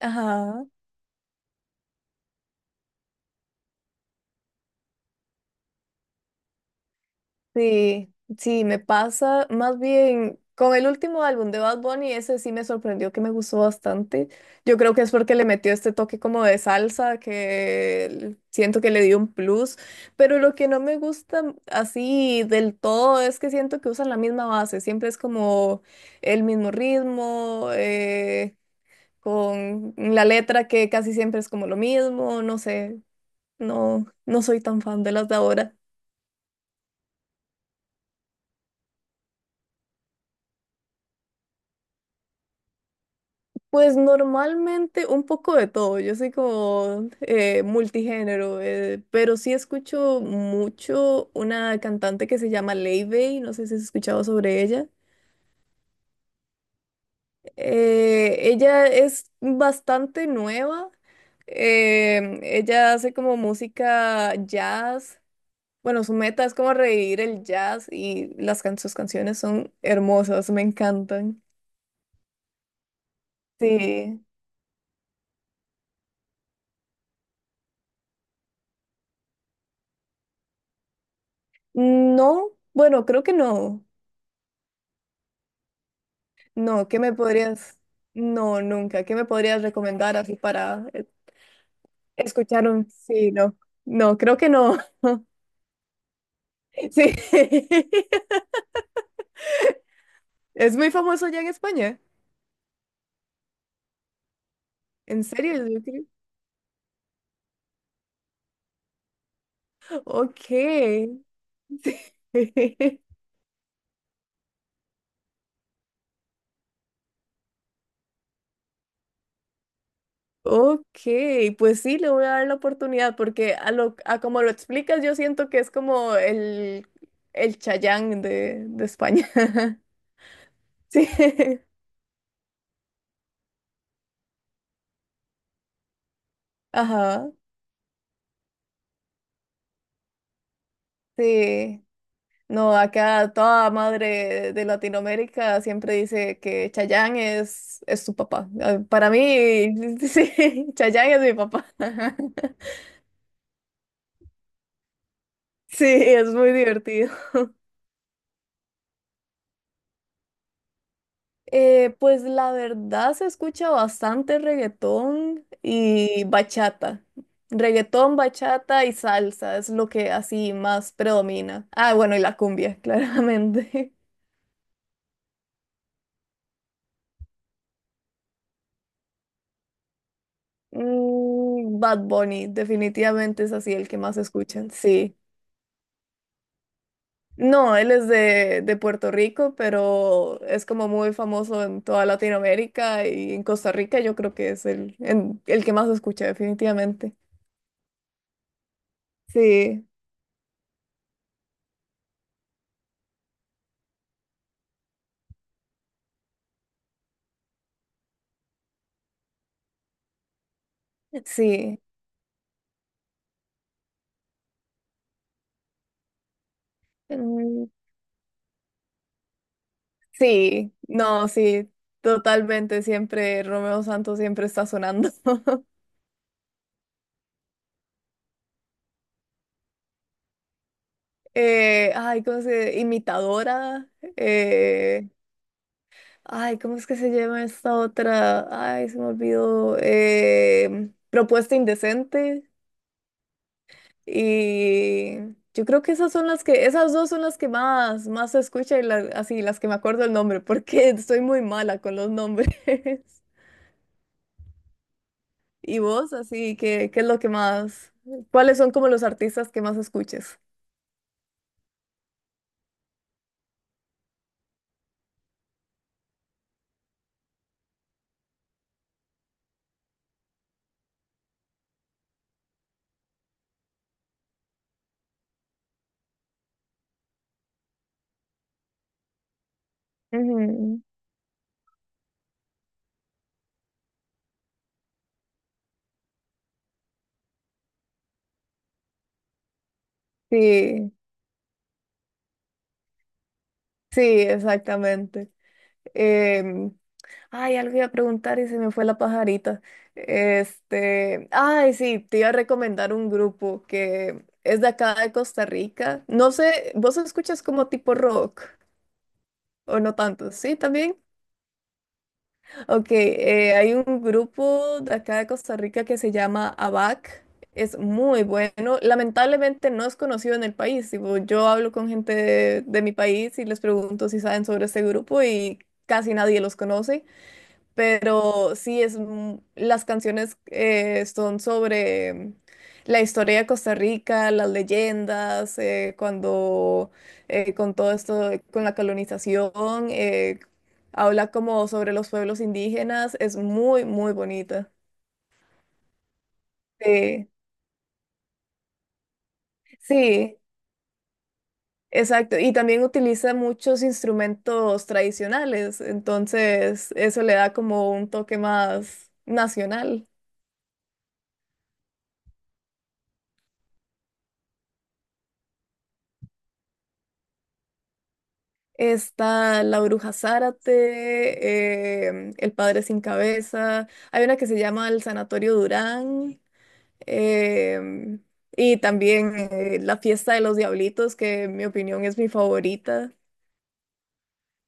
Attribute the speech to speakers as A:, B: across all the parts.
A: Ajá, sí, sí, me pasa más bien con el último álbum de Bad Bunny, ese sí me sorprendió que me gustó bastante. Yo creo que es porque le metió este toque como de salsa que siento que le dio un plus, pero lo que no me gusta así del todo es que siento que usan la misma base, siempre es como el mismo ritmo, con la letra que casi siempre es como lo mismo, no sé, no, no soy tan fan de las de ahora. Pues normalmente un poco de todo, yo soy como multigénero, pero sí escucho mucho una cantante que se llama Leivey, no sé si has escuchado sobre ella. Ella es bastante nueva, ella hace como música jazz, bueno, su meta es como revivir el jazz y sus canciones son hermosas, me encantan. Sí, no, bueno, creo que no. No, ¿qué me podrías? No, nunca. ¿Qué me podrías recomendar así para escuchar un... Sí, no. No, creo que no. Sí. Es muy famoso ya en España. ¿En serio? Ok. Ok, pues sí, le voy a dar la oportunidad porque a como lo explicas, yo siento que es como el Chayán de España. Sí. Ajá. Sí. No, acá toda madre de Latinoamérica siempre dice que Chayanne es su papá. Ah, para mí, sí, Chayanne es mi papá. Sí, es muy divertido. Pues la verdad se escucha bastante reggaetón y bachata. Reggaetón, bachata y salsa es lo que así más predomina. Ah, bueno, y la cumbia, claramente. Mm, Bad Bunny, definitivamente es así el que más escuchan, sí. No, él es de Puerto Rico, pero es como muy famoso en toda Latinoamérica y en Costa Rica yo creo que es el que más se escucha definitivamente. Sí, sí, mm, sí, no, sí, totalmente, siempre Romeo Santos siempre está sonando. Ay, ¿cómo se dice? Imitadora. eh, Ay, ¿cómo es que se llama esta otra? Ay, se me olvidó. Propuesta indecente. Y yo creo que esas son esas dos son las que más se escucha y así, las que me acuerdo el nombre, porque estoy muy mala con los nombres. ¿Y vos, así, qué, qué es lo que más, cuáles son como los artistas que más escuches? Ujú. Sí, sí, exactamente. Em, Ay, algo iba a preguntar y se me fue la pajarita. Ay, sí, te iba a recomendar un grupo que es de acá de Costa Rica. No sé, ¿vos escuchas como tipo rock o no tanto? Sí, también. Ok, hay un grupo de acá de Costa Rica que se llama ABAC. Es muy bueno. Lamentablemente no es conocido en el país. Tipo, yo hablo con gente de mi país y les pregunto si saben sobre este grupo y casi nadie los conoce. Pero sí, las canciones son sobre la historia de Costa Rica, las leyendas, cuando con todo esto, con la colonización, habla como sobre los pueblos indígenas, es muy, muy bonita. Sí, sí, exacto. Y también utiliza muchos instrumentos tradicionales, entonces eso le da como un toque más nacional. Está La Bruja Zárate, El Padre Sin Cabeza. Hay una que se llama El Sanatorio Durán. em, y también La Fiesta de los Diablitos, que en mi opinión es mi favorita.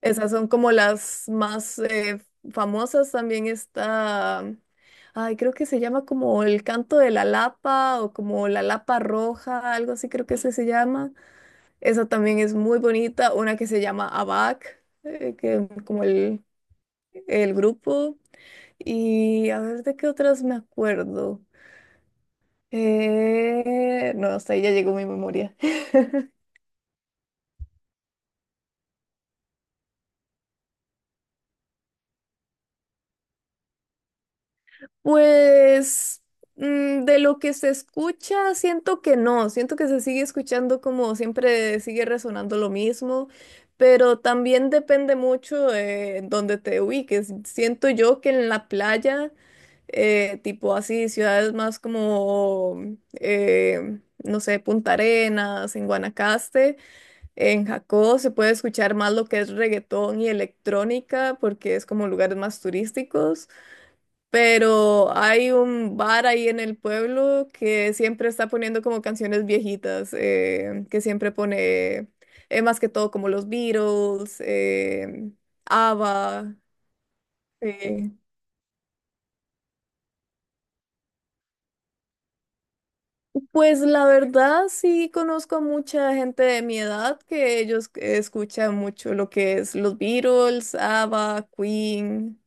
A: Esas son como las más famosas. También está, ay, creo que se llama como El Canto de la Lapa o como La Lapa Roja, algo así creo que ese se llama. Esa también es muy bonita, una que se llama ABAC, que como el grupo. Y a ver de qué otras me acuerdo. No, hasta ahí ya llegó mi memoria. Pues de lo que se escucha, siento que no, siento que se sigue escuchando como siempre sigue resonando lo mismo, pero también depende mucho de donde te ubiques. Siento yo que en la playa tipo así, ciudades más como, no sé, Punta Arenas, en Guanacaste, en Jacó se puede escuchar más lo que es reggaetón y electrónica porque es como lugares más turísticos, pero hay un bar ahí en el pueblo que siempre está poniendo como canciones viejitas, que siempre pone más que todo como los Beatles, ABBA. Sí. Pues la verdad sí conozco a mucha gente de mi edad que ellos escuchan mucho lo que es los Beatles, ABBA, Queen,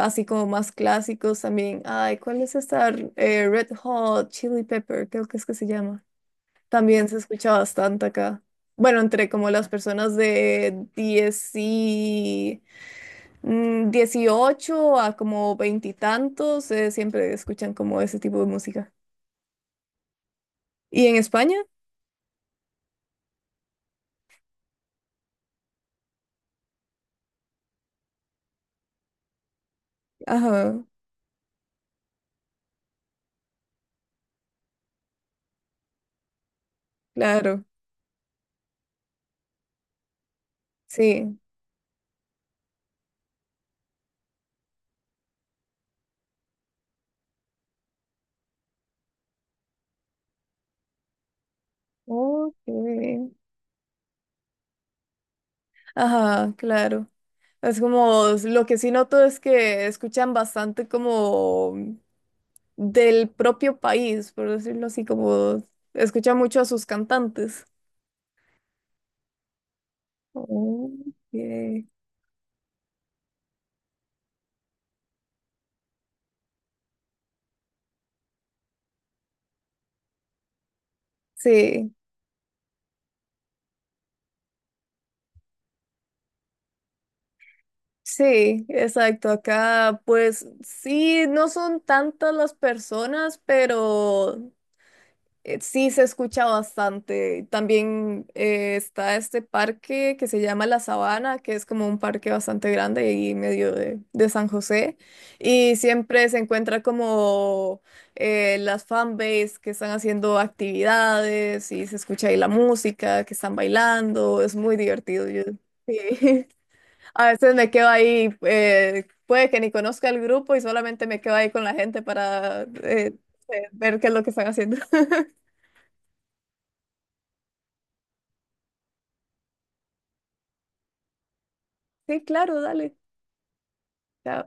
A: así como más clásicos también. Ay, ¿cuál es esta? Red Hot, Chili Pepper, creo que es que se llama. También se escucha bastante acá. Bueno, entre como las personas de 10 y 18 a como veintitantos, siempre escuchan como ese tipo de música. ¿Y en España? Ajá. Claro, sí. Ok. Ajá, claro. Es como, lo que sí noto es que escuchan bastante como del propio país, por decirlo así, como escuchan mucho a sus cantantes. Ok. Sí, sí, exacto. Acá, pues sí, no son tantas las personas, pero sí, se escucha bastante. También está este parque que se llama La Sabana, que es como un parque bastante grande y medio de San José. Y siempre se encuentra como las fanbase que están haciendo actividades y se escucha ahí la música, que están bailando. Es muy divertido. Yo, sí. A veces me quedo ahí, puede que ni conozca el grupo y solamente me quedo ahí con la gente para ver qué es lo que están haciendo. Sí, claro, dale. Ya,